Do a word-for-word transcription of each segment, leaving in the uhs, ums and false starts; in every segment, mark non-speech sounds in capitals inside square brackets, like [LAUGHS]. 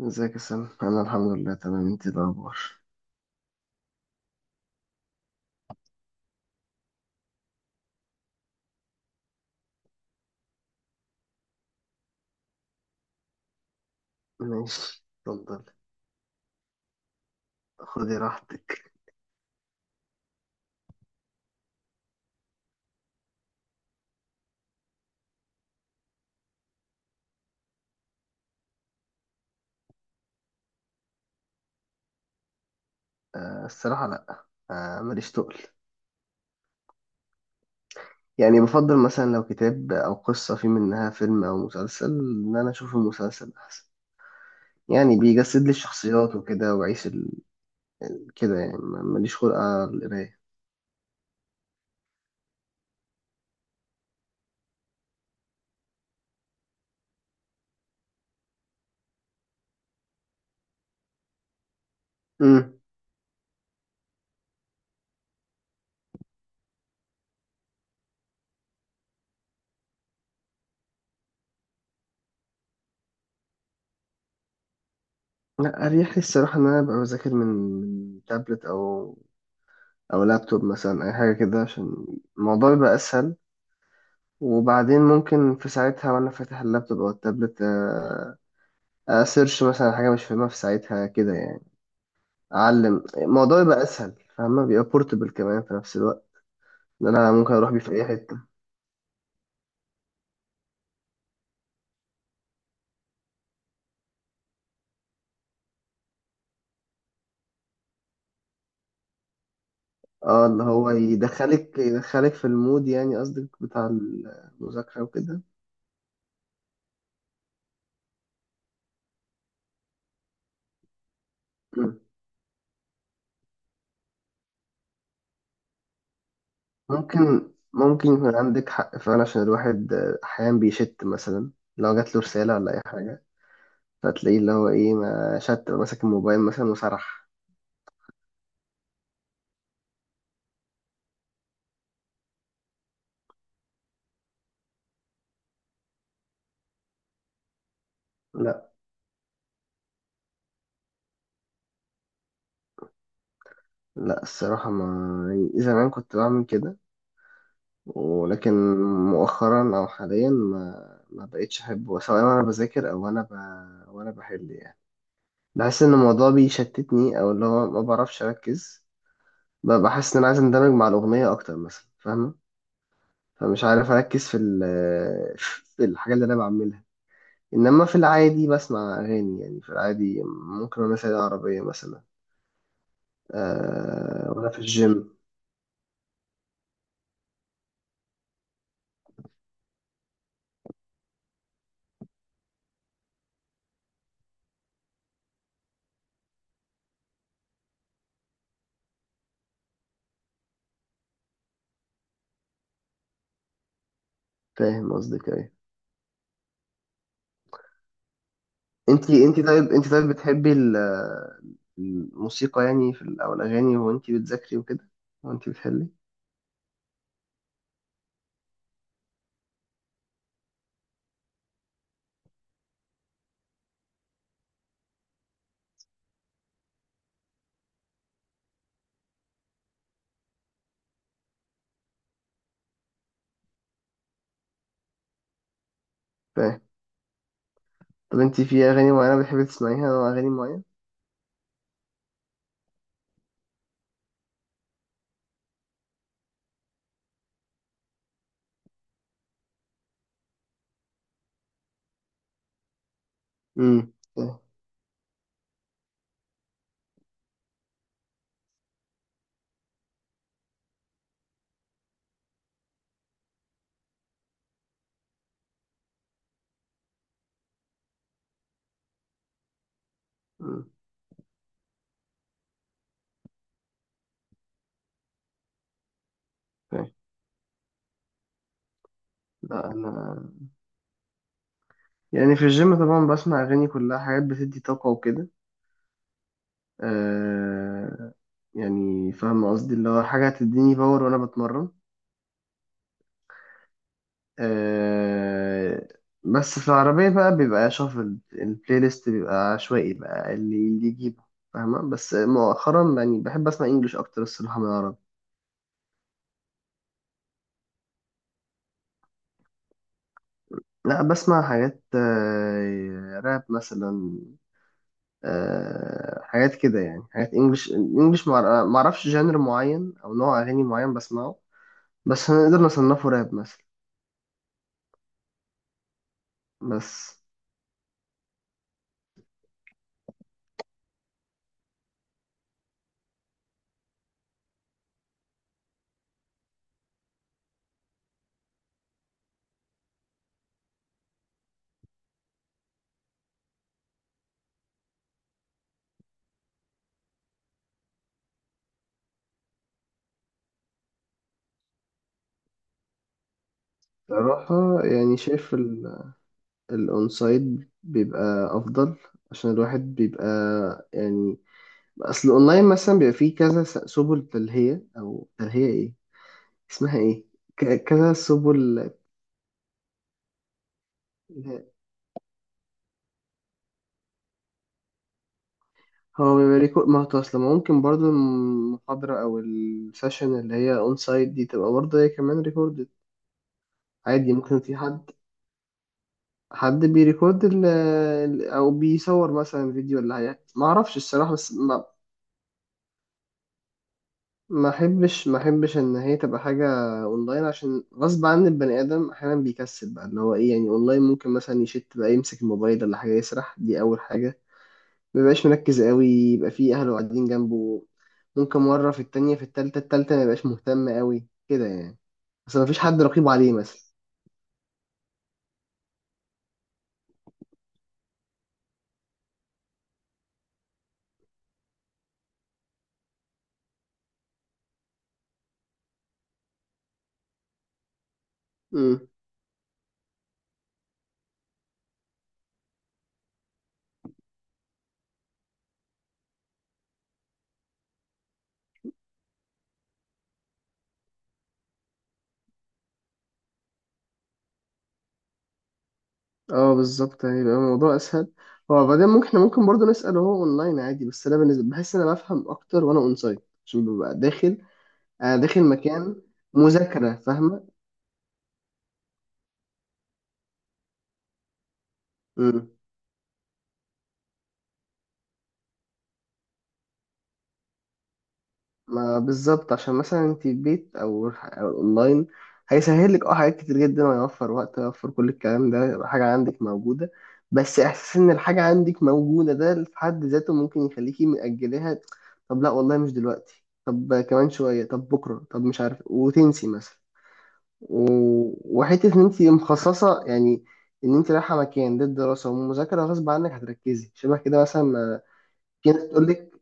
ازيك يا سلام، انا الحمد لله تمام. انت إيه الاخبار؟ ماشي، اتفضل. خدي راحتك. أه، الصراحه لا. أه، ماليش تقل. يعني بفضل مثلا لو كتاب او قصه في منها فيلم او مسلسل ان انا اشوف المسلسل احسن. يعني بيجسد لي الشخصيات وكده واعيش ال... كده يعني ما- ماليش خلق على القرايه. امم. لا اريح لي الصراحه ان انا ابقى بذاكر من من تابلت او او لابتوب مثلا اي حاجه كده عشان الموضوع يبقى اسهل. وبعدين ممكن في ساعتها وانا فاتح اللابتوب او التابلت، آه، اسيرش مثلا على حاجه مش فاهمها في ساعتها كده يعني اعلم الموضوع يبقى اسهل، فاهمه. بيبقى بورتبل كمان في نفس الوقت، ان انا ممكن اروح بيه في اي حته. اه، اللي هو يدخلك يدخلك في المود، يعني قصدك بتاع المذاكره وكده. [CLEARS THROAT] مم. ممكن ممكن يكون عندك حق فعلا، عشان الواحد آه، احيانا بيشت مثلا لو جات له رساله ولا اي حاجه. فتلاقيه اللي هو ايه، ما شت ماسك الموبايل مثلا وسرح. لا الصراحة ما، يعني زمان كنت بعمل كده، ولكن مؤخرا أو حاليا ما ما بقتش أحبه، سواء وأنا بذاكر أو وأنا ب... وأنا بحل يعني. بحس إن الموضوع بيشتتني، أو اللي هو ما بعرفش أركز. ب- بحس إن أنا عايز أندمج مع الأغنية أكتر مثلا، فاهمة. فمش عارف أركز في ال... [LAUGHS] في الحاجة اللي أنا بعملها. إنما في العادي بسمع أغاني، يعني في العادي ممكن وأنا سايق العربية مثلا، أه... وأنا في الجيم. فاهم قصدك إيه. انت انت طيب انت طيب بتحبي ال- الموسيقى، يعني في ال- او الاغاني، وانت بتذاكري وكده، وانت بتحلي. فاهم. طب انت في اغاني معينه بتحبي تسمعيها او اغاني معينه؟ امم، فاهم. امم، فاهم. لا انا يعني في الجيم طبعا بسمع اغاني كلها حاجات بتدي طاقه وكده. آه. يعني فاهم قصدي، اللي هو حاجه هتديني باور وانا بتمرن. آه. بس في العربية بقى، بيبقى شافل البلاي ليست، بيبقى عشوائي بقى اللي اللي يجيبه. فاهمة. بس مؤخرا يعني بحب أسمع إنجليش أكتر الصراحة من العربي. لا بسمع حاجات، آه، راب مثلا. آه، حاجات كده يعني حاجات إنجليش إنجليش، معر- معرفش جانر معين أو نوع أغاني معين بسمعه، بس هنقدر نصنفه راب مثلا. بس. صراحة يعني شايف الاونسايد بيبقى افضل. عشان الواحد بيبقى، يعني، اصل الاونلاين مثلا بيبقى فيه كذا س- سبل تلهية، او تلهية ايه اسمها ايه، ك- كذا سبل. هو بيبقى ريكو- ما هو اصل ما ممكن برضو المحاضرة او السيشن اللي هي اون سايت دي تبقى برضه هي كمان ريكوردد. عادي ممكن في حد، حد بيريكورد ال- ال- او بيصور مثلا فيديو، اللي هي ما اعرفش الصراحة، بس. ما احبش ما احبش ان هي تبقى حاجه اونلاين، عشان غصب عن البني ادم احيانا بيكسل بقى، اللي هو ايه يعني، اونلاين ممكن مثلا يشت بقى يمسك الموبايل ولا حاجه يسرح، دي اول حاجه. ما بيبقاش مركز قوي، يبقى في اهله قاعدين جنبه. ممكن مره في التانية في التالتة التالتة ما يبقاش مهتم قوي كده يعني. بس ما فيش حد رقيب عليه مثلا. امم. اه بالظبط، يعني يبقى الموضوع اسهل. هو بعدين ممكن، احنا ممكن برضه نسال، هو اونلاين عادي، بس انا بالنسبه بحس ان انا بفهم اكتر وانا اون سايت، عشان ببقى داخل، انا داخل مكان مذاكرة، فاهمة. مم. ما بالظبط، عشان مثلا انت البيت او أو اونلاين هيسهل لك اه حاجات كتير جدا، ويوفر وقت ويوفر كل الكلام ده، يبقى حاجة عندك موجودة. بس احساس ان الحاجة عندك موجودة ده في حد ذاته ممكن يخليكي مأجلها. طب لا والله مش دلوقتي، طب كمان شوية، طب بكرة، طب مش عارف، وتنسي مثلا. و... وحتة ان انت مخصصة يعني، ان انت رايحة مكان ده الدراسة والمذاكرة، غصب عنك هتركزي شبه كده مثلا ما- في ناس تقول لك.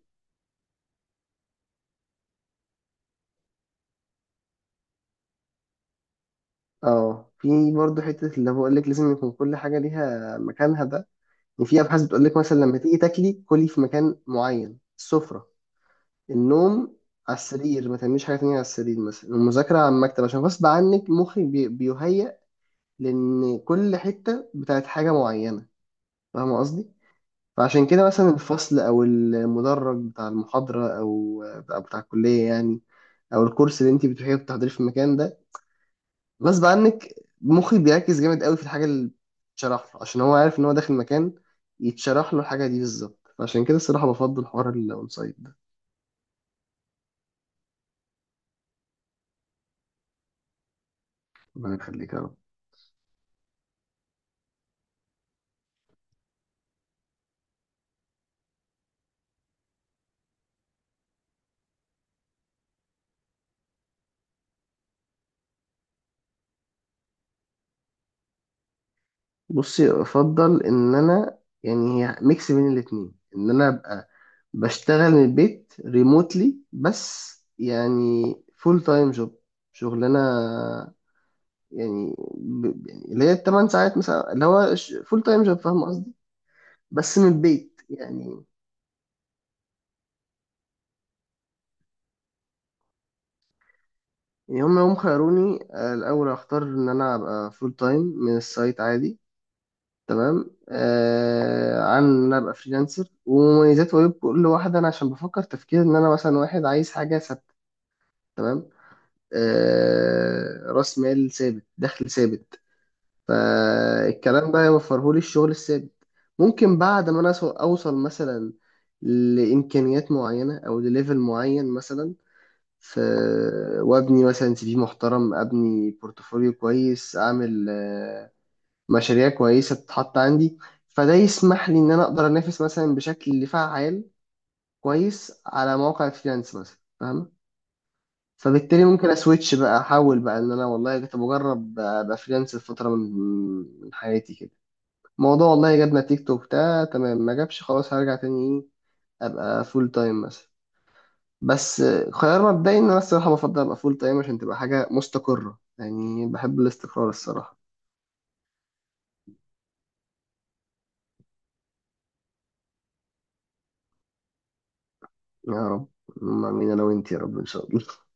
اه في برضه حتة، اللي بقول لك لازم يكون كل حاجة ليها مكانها ده. وفي أبحاث بتقول لك مثلا لما تيجي تاكلي كلي في مكان معين، السفرة. النوم على السرير، ما تعمليش حاجة تانية على السرير مثلا. المذاكرة على المكتب، عشان غصب عنك مخك بي- بيهيأ لأن كل حتة بتاعت حاجة معينة. فاهمة قصدي؟ فعشان كده مثلا الفصل أو المدرج بتاع المحاضرة أو بتاع بتاع الكلية يعني، أو الكورس اللي أنت بتروحيه بتحضريه في المكان ده، غصب عنك مخي بيركز جامد قوي في الحاجة اللي بتشرح له، عشان هو عارف ان هو داخل مكان يتشرح له الحاجة دي بالظبط. فعشان كده الصراحة بفضل حوار الاون سايد ده. ربنا يخليك يا رب. بصي، افضل ان انا، يعني، هي ميكس بين الاتنين، ان انا ابقى بشتغل من البيت ريموتلي، بس يعني فول تايم جوب، شغلانه، يعني ب- يعني اللي هي الثمان ساعات مثلا، اللي هو فول تايم جوب، فاهم قصدي. بس من البيت يعني. يوم يوم خيروني، آه، الأول أختار إن أنا أبقى فول تايم من السايت عادي. تمام، آه عن إن أنا أبقى فريلانسر. ومميزات وعيوب كل واحدة، أنا عشان بفكر تفكير إن أنا مثلا واحد عايز حاجة ثابتة، تمام. آه، رأس مال ثابت، دخل ثابت. فالكلام ده يوفرهولي الشغل الثابت. ممكن بعد ما أنا أسو- أوصل مثلا لإمكانيات معينة أو لليفل معين مثلا في، وابني مثلا سي في محترم، ابني بورتفوليو كويس، اعمل آه، مشاريع كويسه تتحط عندي، فده يسمح لي ان انا اقدر انافس مثلا بشكل فعال كويس على مواقع فريلانس مثلا، فاهم. فبالتالي ممكن اسويتش بقى، احاول بقى ان انا، والله كنت بجرب ابقى فريلانس لفتره من من حياتي كده. الموضوع والله جاب نتيجته وبتاع تمام ما جابش، خلاص هرجع تاني ايه، ابقى فول تايم مثلا. بس خيار مبدئي ان انا الصراحه بفضل ابقى فول تايم، عشان تبقى حاجه مستقره يعني، بحب الاستقرار الصراحه. يا رب. ما مين انا وانت يا رب، ان شاء الله.